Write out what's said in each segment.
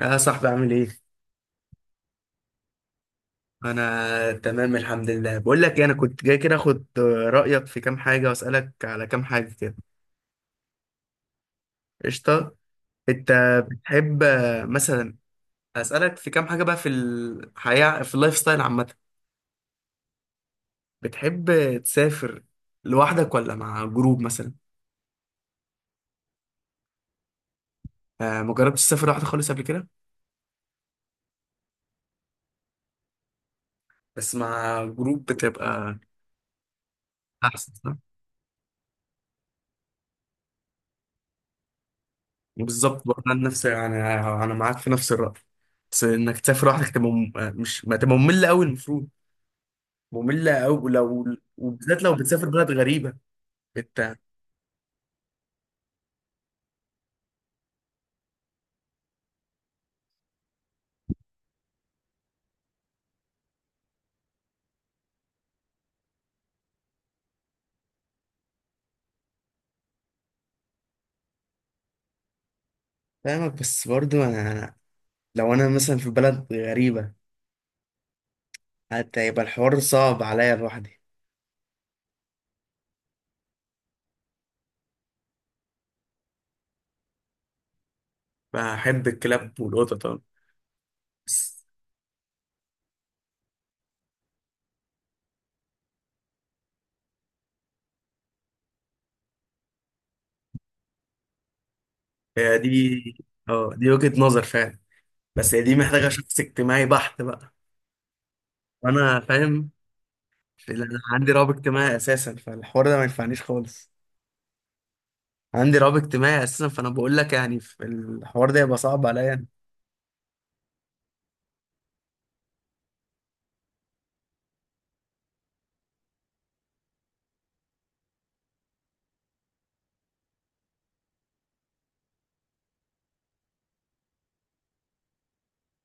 يا صاحبي عامل ايه؟ انا تمام، الحمد لله. بقول لك إيه، انا كنت جاي كده اخد رأيك في كام حاجة واسألك على كام حاجة كده. قشطة. انت بتحب مثلا اسألك في كام حاجة بقى في الحياة، في اللايف ستايل عامة؟ بتحب تسافر لوحدك ولا مع جروب مثلا؟ آه، ما جربتش تسافر لوحدك خالص قبل كده؟ بس مع جروب بتبقى احسن صح؟ بالظبط برضه. انا نفس انا انا معاك في نفس الرأي، بس انك تسافر لوحدك تبقى مم- مش ما تبقى مملة قوي المفروض، مملة أوي لو. وبالذات لو بتسافر بلد غريبة أنت. فاهمك، بس برضو لو أنا مثلا في بلد غريبة حتى يبقى الحوار صعب عليا لوحدي. بحب الكلاب والقطط أوي. بس هي دي. اه دي وجهة نظر فعلا، بس هي دي محتاجة شخص اجتماعي بحت بقى. وأنا فاهم، لأن أنا عندي رهاب اجتماعي أساسا، فالحوار ده ما ينفعنيش خالص. عندي رهاب اجتماعي أساسا، فأنا بقول لك يعني في الحوار ده يبقى صعب عليا أنا.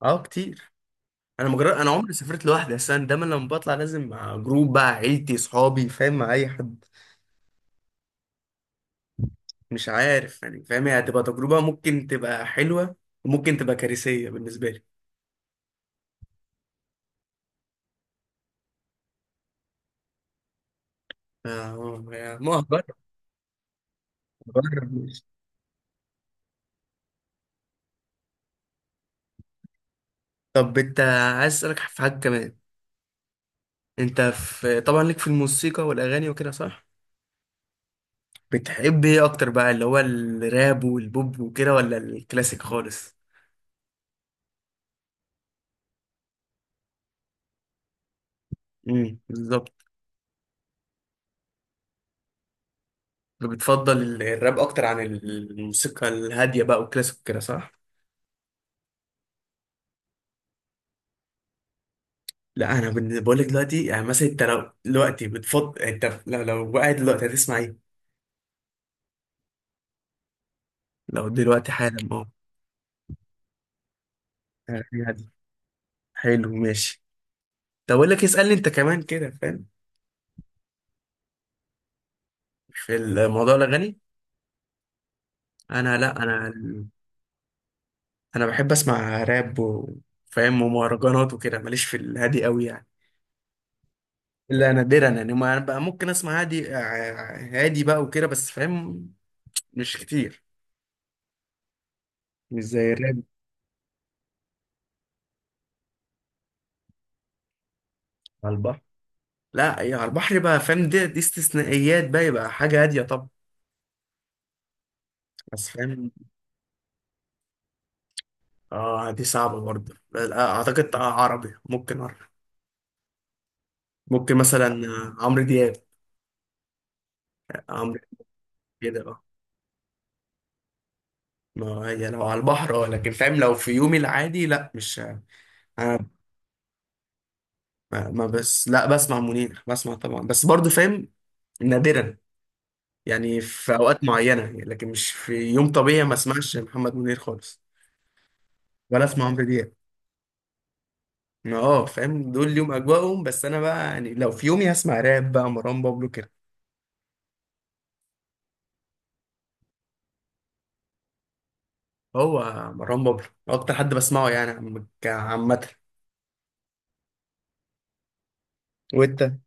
أه كتير. انا مجرد انا عمري سافرت لوحدي، بس انا دايما لما بطلع لازم مع جروب بقى، عيلتي، صحابي، فاهم، مع اي حد. مش عارف يعني، فاهم هي هتبقى تجربه ممكن تبقى حلوه وممكن تبقى كارثيه بالنسبه لي. يعني ما هجرب. هجرب ماشي. طب انت عايز اسالك في حاجه كمان. انت طبعا ليك في الموسيقى والاغاني وكده صح؟ بتحب ايه اكتر بقى، اللي هو الراب والبوب وكده ولا الكلاسيك خالص؟ بالظبط. بتفضل الراب اكتر عن الموسيقى الهاديه بقى والكلاسيك كده صح؟ لا بقول لك دلوقتي، يعني مثلا انت، لو قاعد دلوقتي هتسمع ايه؟ لو دلوقتي حالا اه. هي دي. حلو ماشي. طب اقول لك اسالني انت كمان كده فاهم. في الموضوع الاغاني. انا، لا، انا بحب اسمع راب وفاهم ومهرجانات وكده، ماليش في الهادي قوي يعني. لا نادرا يعني، ما انا بقى ممكن اسمع هادي بقى وكده بس فاهم. مش كتير، مش زي الراب. على البحر. لا يا على البحر بقى فاهم، دي استثنائيات بقى، يبقى حاجه هاديه طبعا، بس فاهم. اه دي صعبة برضه. لا، اعتقد عربي، ممكن عربي. ممكن مثلا عمرو دياب. عمرو دياب كده اه. ما هي لو على البحر اه، لكن فاهم لو في يومي العادي لا، مش انا. ما ما بس لا، بسمع منير، بسمع طبعا بس برضه فاهم. نادرا. يعني في اوقات معينة يعني، لكن مش في يوم طبيعي ما اسمعش محمد منير خالص. ولا اسمع عمرو دياب. ما فاهم دول ليهم اجواءهم، بس انا بقى يعني لو في يومي هسمع راب بقى مروان بابلو. هو مروان بابلو اكتر حد بسمعه يعني عامه. وانت؟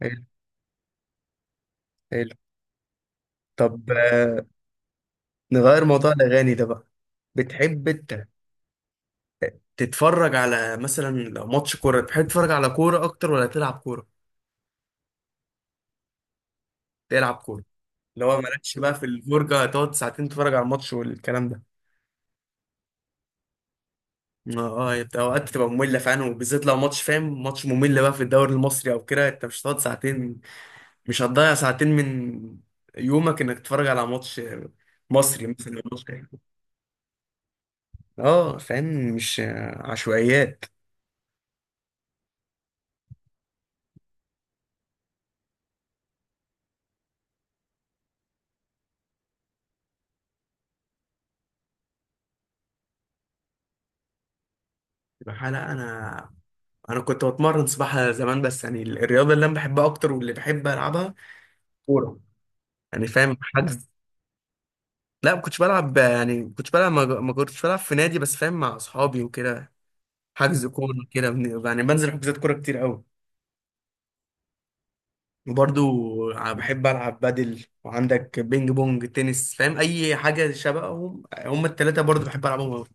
حلو حلو. طب نغير موضوع الاغاني ده بقى. بتحب انت تتفرج على مثلا لو ماتش كوره، بتحب تتفرج على كوره اكتر ولا تلعب كوره؟ تلعب كوره. اللي هو مالكش بقى في الفرجه تقعد ساعتين تتفرج على الماتش والكلام ده. اه اوقات تبقى ممله فعلا، وبالذات لو ماتش فاهم ماتش ممل بقى في الدوري المصري او كده، انت مش هتقعد ساعتين، مش هتضيع ساعتين من يومك انك تتفرج على ماتش مصري مثلا أو ماتش. اه فاهم. مش عشوائيات. الحقيقة لا انا. انا كنت بتمرن سباحة زمان، بس يعني الرياضة اللي انا بحبها اكتر واللي بحب العبها كورة، يعني فاهم حجز. لا ما كنتش بلعب، يعني ما كنتش بلعب، ما كنتش بلعب في نادي، بس فاهم مع اصحابي وكده. حجز كورة كده يعني بنزل حجوزات كورة كتير قوي. وبرضو بحب العب بدل، وعندك بينج بونج، تنس، فاهم اي حاجة شبههم، هم التلاتة برضو بحب العبهم قوي.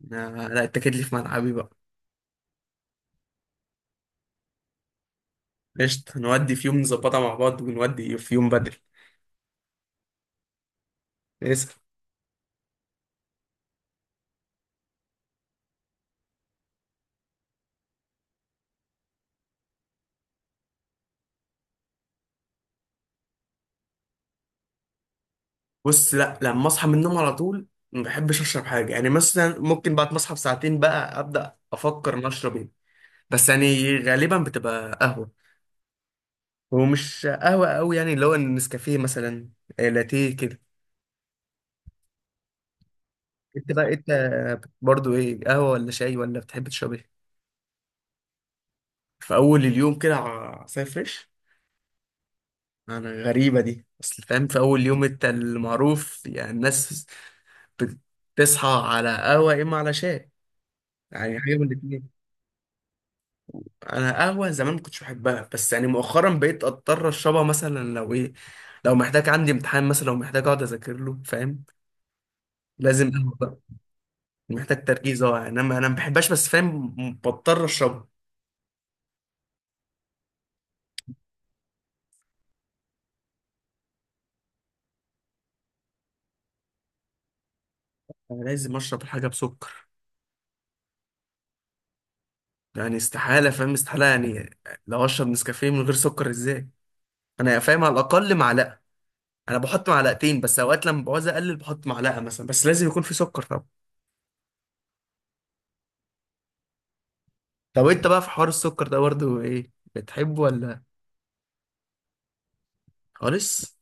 لا لا، اتكد لي في ملعبي بقى. قشطة، نودي في يوم، نظبطها مع بعض ونودي في يوم بدري. اسأل. بص، لا لما اصحى من النوم على طول ما بحبش اشرب حاجة، يعني مثلا ممكن بعد ما اصحى بساعتين بقى ابدا افكر ان اشرب ايه، بس يعني غالبا بتبقى قهوة، ومش قهوة قوي يعني، اللي هو النسكافيه مثلا، لاتيه كده. انت بقى، انت برضو ايه، قهوة ولا شاي ولا بتحب تشرب ايه؟ في اول اليوم كده عصاير فريش. انا غريبة دي، اصل فاهم في اول يوم انت المعروف يعني الناس بتصحى على قهوة يا إما على شاي، يعني حاجة من الاتنين. أنا قهوة زمان ما كنتش بحبها، بس يعني مؤخرا بقيت أضطر أشربها مثلا لو إيه، لو محتاج، عندي امتحان مثلا، لو محتاج أقعد أذاكر له فاهم، لازم قهوة بقى. محتاج تركيز أه يعني أنا ما بحبهاش بس فاهم بضطر أشربها. أنا لازم أشرب الحاجة بسكر، يعني استحالة فاهم استحالة يعني، لو أشرب نسكافيه من غير سكر إزاي، أنا فاهم على الأقل معلقة، أنا بحط معلقتين بس أوقات لما بعوز أقلل بحط معلقة مثلا، بس لازم يكون في سكر طبعا. طب انت بقى في حوار السكر ده برضه ايه، بتحبه ولا؟ خالص.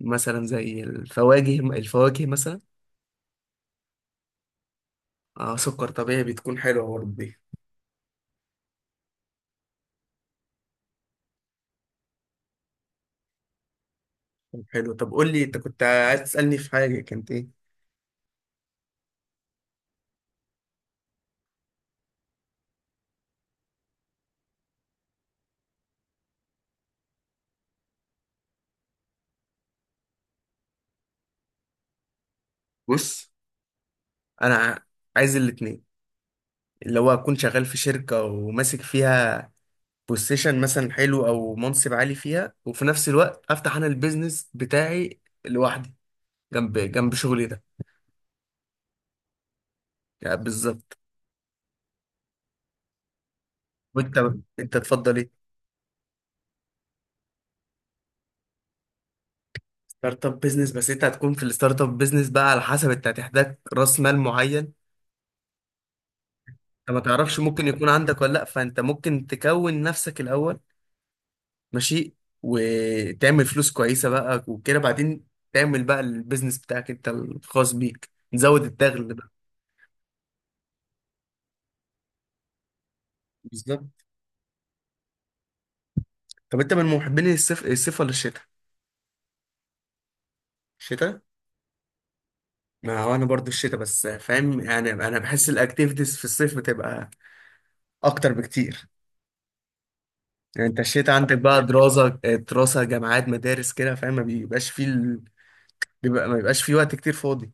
مثلا زي الفواكه مثلا. اه سكر طبيعي، بتكون حلوه برضه دي. طب حلو. قول لي انت كنت عايز تسالني في حاجه، كانت ايه؟ بص، انا عايز الاتنين، اللي هو اكون شغال في شركه وماسك فيها بوزيشن مثلا حلو او منصب عالي فيها، وفي نفس الوقت افتح انا البيزنس بتاعي لوحدي جنب جنب شغلي ده، يعني بالظبط. وانت، انت تفضل ايه؟ ستارت اب بزنس. بس انت هتكون في الستارت اب بزنس بقى على حسب، انت هتحتاج راس مال معين. انت ما تعرفش ممكن يكون عندك ولا لا، فانت ممكن تكون نفسك الاول ماشي، وتعمل فلوس كويسه بقى وكده بعدين تعمل بقى البيزنس بتاعك انت الخاص بيك، نزود الدخل بقى. بالظبط. طب انت من محبين الصيف؟ الصيف ولا الشتاء؟ الشتاء؟ ما هو انا برضو الشتاء، بس فاهم يعني انا بحس الاكتيفيتيز في الصيف بتبقى اكتر بكتير، يعني انت الشتاء عندك بقى دراسة، دراسة، جامعات، مدارس كده فاهم، ما بيبقاش فيه ال... ما بيبقاش فيه وقت كتير فاضي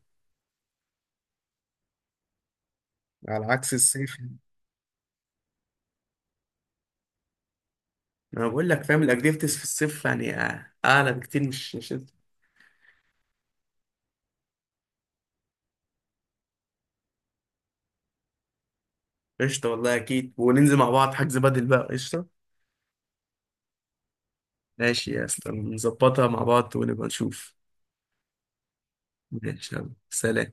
على عكس الصيف. انا بقول لك فاهم الاكتيفيتيز في الصيف يعني اعلى بكتير، مش انت. قشطة والله اكيد، وننزل مع بعض، حجز بدل بقى قشطة. ماشي يا اسطى، نظبطها مع بعض ونبقى نشوف. ماشي يلا سلام.